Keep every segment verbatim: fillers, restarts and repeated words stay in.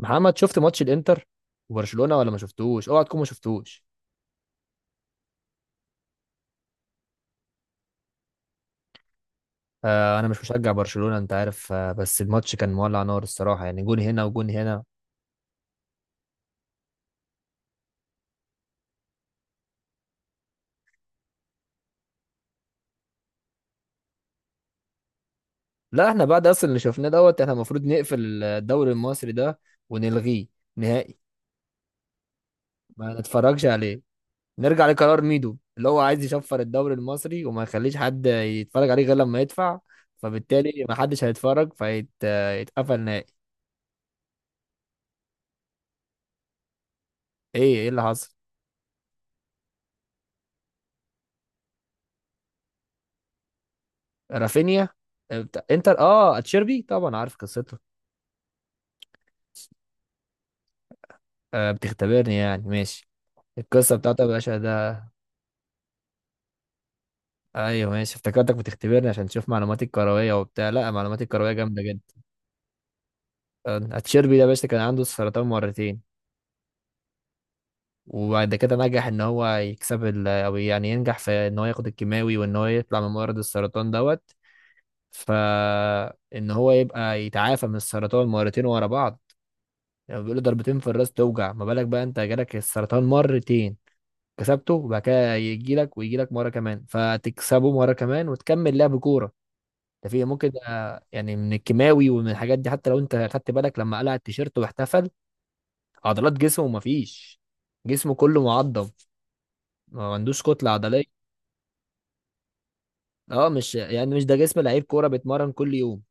محمد، شفت ماتش الانتر وبرشلونة ولا ما شفتوش؟ اوعى تكون ما شفتوش. آه، انا مش مشجع برشلونة، انت عارف، آه بس الماتش كان مولع نار الصراحة. يعني جون هنا وجون هنا. لا، احنا بعد اصلا اللي شفناه دوت احنا المفروض نقفل الدوري المصري ده ونلغيه نهائي، ما نتفرجش عليه. نرجع لقرار ميدو اللي هو عايز يشفر الدوري المصري وما يخليش حد يتفرج عليه غير لما يدفع، فبالتالي ما حدش هيتفرج فيتقفل نهائي. ايه ايه اللي حصل؟ رافينيا. آه، بتاع انتر، اه اتشيربي، طبعا عارف قصته. آه، بتختبرني، يعني ماشي. القصة بتاعته يا باشا ده. ايوه، ماشي، افتكرتك بتختبرني عشان تشوف معلوماتي الكروية وبتاع. لا، معلوماتي الكروية جامدة جدا. آه، اتشيربي ده يا باشا كان عنده سرطان مرتين. وبعد كده نجح ان هو يكسب ال- او يعني ينجح في ان هو ياخد الكيماوي وان هو يطلع من مرض السرطان دوت، فان هو يبقى يتعافى من السرطان مرتين ورا بعض. يعني بيقولوا ضربتين في الراس توجع، ما بالك بقى انت جالك السرطان مرتين، كسبته، وبعد كده يجي لك ويجي لك مره كمان فتكسبه مره كمان وتكمل لعب كوره. ده في ممكن ده؟ يعني من الكيماوي ومن الحاجات دي، حتى لو انت خدت بالك لما قلع التيشيرت واحتفل، عضلات جسمه مفيش. جسمه كله معضم، ما عندوش كتله عضليه. اه، مش يعني مش ده جسم لعيب كوره بيتمرن كل يوم،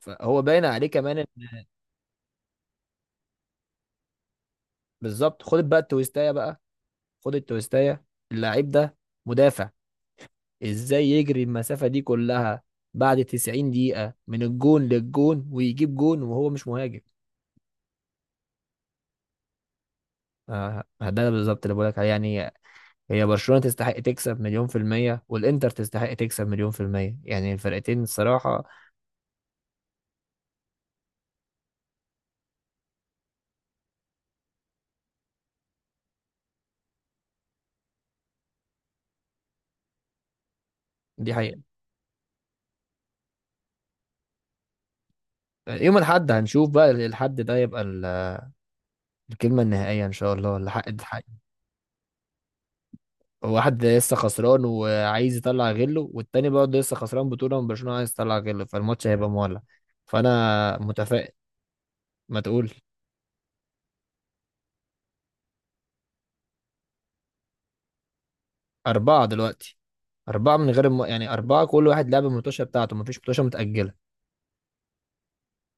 فهو باين عليه كمان. بالظبط. خد بقى التويستايه بقى، خد التويستايه. اللعيب ده مدافع، ازاي يجري المسافة دي كلها بعد تسعين دقيقة من الجون للجون ويجيب جون وهو مش مهاجم؟ آه، آه، ده بالظبط اللي بقولك عليه يعني. هي برشلونة تستحق تكسب مليون في المية والإنتر تستحق تكسب مليون في المية، يعني الفرقتين الصراحة. دي حقيقة. يوم الأحد هنشوف بقى الحد ده يبقى ال- الكلمة النهائية إن شاء الله، الحق الحق. واحد لسه خسران وعايز يطلع غله والتاني برضه لسه خسران بطولة من برشلونة عايز يطلع غله، فالماتش هيبقى مولع، فأنا متفائل. ما تقول. أربعة دلوقتي. أربعة من غير الم... يعني أربعة، كل واحد لعب الماتشة بتاعته، مفيش ماتشة متأجلة.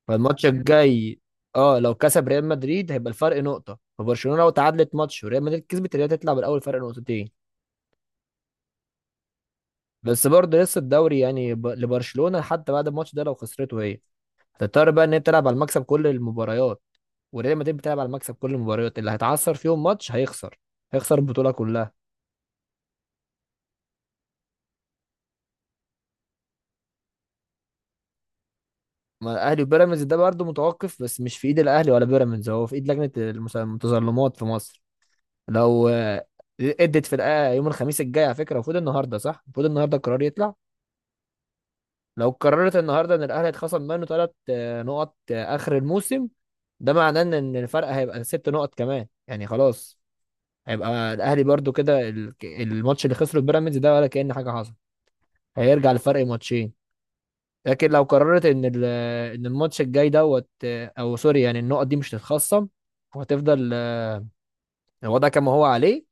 فالماتش الجاي، اه، لو كسب ريال مدريد هيبقى الفرق نقطة، فبرشلونة لو تعادلت ماتش وريال مدريد كسبت، الريال هتطلع بالأول فرق نقطتين. بس برضه لسه الدوري يعني ب... لبرشلونة حتى بعد الماتش ده لو خسرته هي، هتضطر بقى إن هي تلعب على المكسب كل المباريات، وريال مدريد بتلعب على المكسب كل المباريات. اللي هيتعثر فيهم ماتش هيخسر، هيخسر البطولة كلها. ما الاهلي وبيراميدز ده برضه متوقف، بس مش في ايد الاهلي ولا بيراميدز، هو في ايد لجنه المس- المتظلمات في مصر. لو آه، ادت في الآ- يوم الخميس الجاي، على فكره المفروض النهارده، صح، المفروض النهارده القرار يطلع. لو قررت النهارده ان الاهلي اتخصم منه ثلاث نقط آه، اخر الموسم، ده معناه ان إن الفرق هيبقى ست نقط كمان، يعني خلاص، هيبقى الاهلي برضه كده ال- الماتش اللي خسره بيراميدز ده ولا كأن حاجه حصلت، هيرجع لفرق ماتشين. لكن لو قررت ان ال- آه، ان الماتش الجاي دوت آه، او سوري، يعني النقط دي مش تتخصم، وهتفضل آه، الوضع كما هو عليه.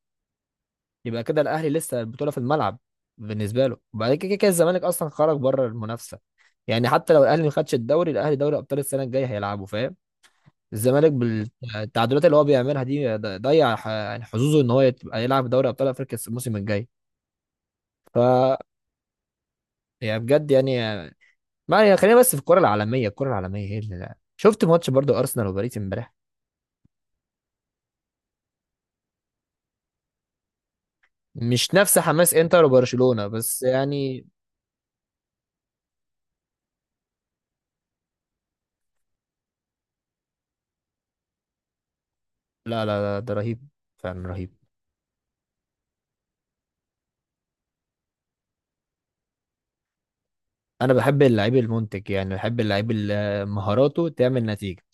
يبقى كده الاهلي لسه البطوله في الملعب بالنسبه له. وبعد كده، كده الزمالك اصلا خرج بره المنافسه، يعني حتى لو الاهلي ما خدش الدوري الاهلي دوري ابطال السنه الجايه هيلعبه، فاهم؟ الزمالك بالتعادلات اللي هو بيعملها دي ضيع ح- يعني حظوظه ان هو يبقى يلعب دوري ابطال افريقيا الموسم الجاي. ف، يعني بجد يعني. ما يعني خلينا بس في الكره العالميه، الكره العالميه هي اللي، شفت ماتش برضو ارسنال وباريس امبارح؟ مش نفس حماس انتر وبرشلونة بس يعني. لا لا لا، ده رهيب، فعلا رهيب. انا بحب اللعيب المنتج، يعني بحب اللعيب اللي مهاراته تعمل نتيجة.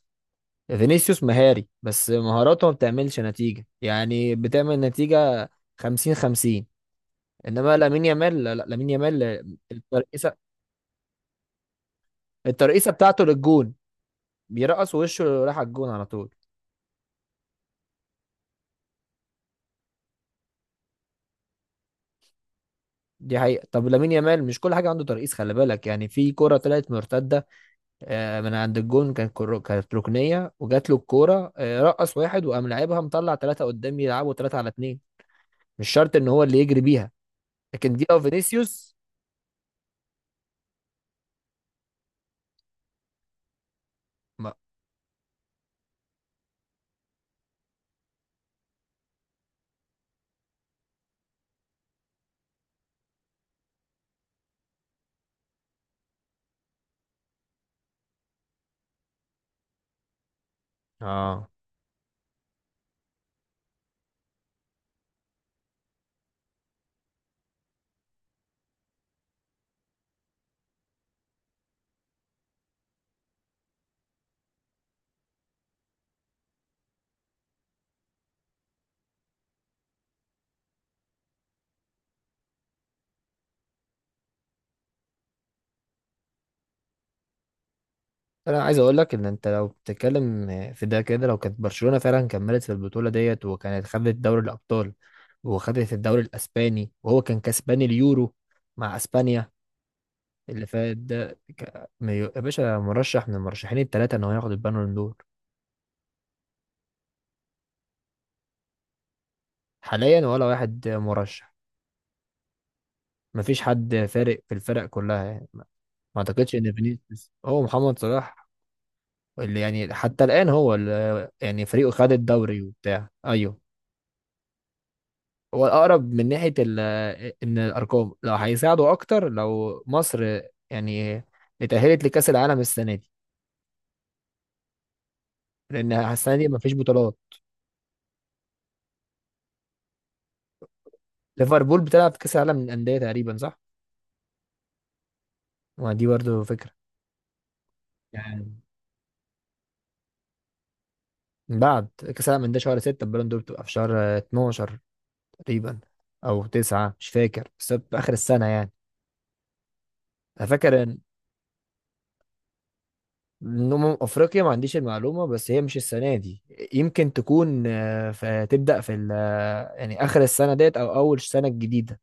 فينيسيوس مهاري، بس مهاراته ما بتعملش نتيجة، يعني بتعمل نتيجة خمسين خمسين. انما لامين يامال، لا لا، لامين يامال الترقيصة، الترقيصة بتاعته للجون، بيرقص وشه راح على الجون على طول. دي حقيقة. طب لامين يامال مش كل حاجة عنده ترقيص، خلي بالك، يعني في كرة طلعت مرتدة آه، من عند الجون، كانت كرو- كانت ركنيه، وجات له الكوره، آه، رقص واحد وقام لعبها مطلع ثلاثه قدام، يلعبوا ثلاثه على اثنين. مش شرط ان هو اللي يجري بيها، لكن دي لو فينيسيوس. ما. اه، انا عايز اقول لك ان انت لو بتتكلم في ده كده، لو كانت برشلونه فعلا كملت في البطوله ديت وكانت خدت دوري الابطال وخدت الدوري الاسباني وهو كان كسبان اليورو مع اسبانيا اللي فات ده ك- يا باشا، مرشح من المرشحين الثلاثه ان هو ياخد البالون دور. حاليا ولا واحد مرشح. مفيش حد فارق في الفرق كلها، يعني ما ما اعتقدش ان فينيسيوس هو محمد صلاح اللي يعني حتى الان هو اللي يعني فريقه خد الدوري وبتاع. ايوه، هو الاقرب من ناحيه ال- ان الارقام لو هيساعده اكتر، لو مصر يعني اتاهلت لكاس العالم السنه دي، لان السنه دي مفيش بطولات. ليفربول بتلعب في كاس العالم للانديه تقريبا، صح؟ ما دي برضه فكره. يعني بعد كاس العالم للانديه شهر ستة البالون دور بتبقى في شهر اتناشر تقريبا، او تسعة، مش فاكر، بس في اخر السنة يعني. انا فاكر ان إن أمم افريقيا ما عنديش المعلومة، بس هي مش السنة دي، يمكن تكون آه، في- تبدأ في ال- آه، يعني اخر السنة ديت او اول سنة الجديدة.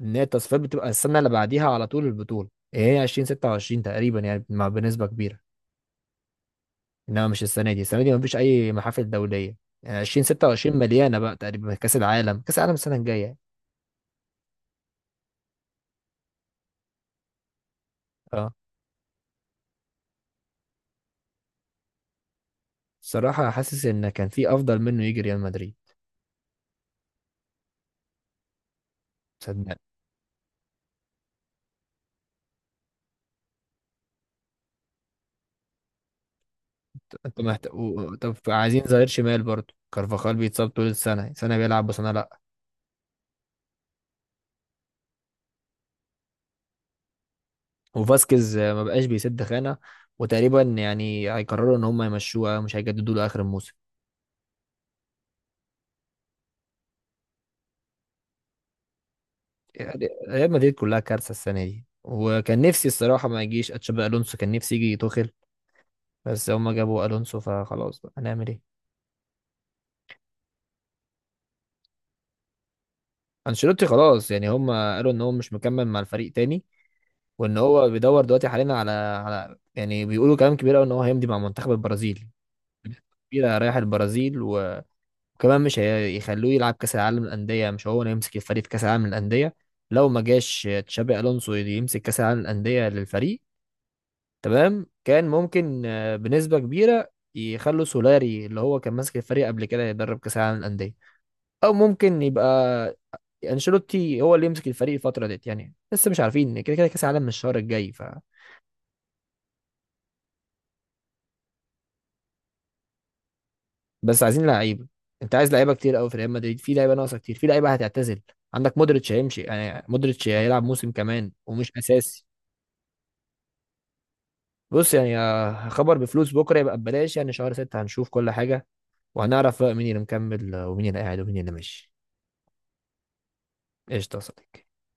ان هي التصفيات بتبقى السنة اللي بعديها على طول البطولة، يعني هي الفين وستة وعشرين تقريبا يعني، مع- بنسبة كبيرة. انما مش السنة دي، السنة دي مفيش اي محافل دولية، يعني الفين وستة وعشرين مليانة بقى تقريبا، كأس العالم، كأس العالم السنة الجاية يعني. اه، بصراحة حاسس ان كان في افضل منه يجي ريال مدريد، تصدق. انت محتاج و- طب عايزين ظهير شمال برضه، كارفاخال بيتصاب طول السنة، سنة بيلعب وسنة لا. وفاسكيز آه، ما بقاش بيسد خانة، وتقريبا يعني هيقرروا ان هم يمشوه، مش هيجددوا له اخر الموسم. يعني ريال مدريد كلها كارثة السنة دي، وكان نفسي الصراحة ما يجيش اتشابي الونسو، كان نفسي يجي توخيل، بس هم جابوا الونسو، فخلاص بقى هنعمل ايه. انشيلوتي خلاص، يعني هم قالوا ان هو مش مكمل مع الفريق تاني، وان هو بيدور دلوقتي حاليا على على يعني بيقولوا كلام كبير قوي ان هو هيمضي مع منتخب البرازيل، كبيرة رايح البرازيل. و وكمان مش هيخلوه يلعب كاس العالم للانديه، مش هو اللي يمسك الفريق في كاس العالم للانديه، لو ما جاش تشابي الونسو يمسك كاس العالم للانديه للفريق، تمام. كان ممكن آه، بنسبه كبيره يخلوا سولاري اللي هو كان ماسك الفريق قبل كده يدرب كاس العالم للانديه، او ممكن يبقى انشيلوتي هو اللي يمسك الفريق الفتره ديت. يعني لسه مش عارفين، كده كده كاس العالم من الشهر الجاي. ف، بس عايزين لعيبه. انت عايز لعيبه كتير قوي، في ريال مدريد في لعيبه ناقصه كتير، في لعيبه هتعتزل. عندك مودريتش هيمشي، يعني مودريتش هيلعب موسم كمان ومش اساسي. بص يعني آه، خبر بفلوس بكره يبقى ببلاش، يعني شهر ستة هنشوف كل حاجه، وهنعرف بقى مين اللي مكمل آه، ومين اللي قاعد ومين اللي ماشي. قشطه يا صديقي.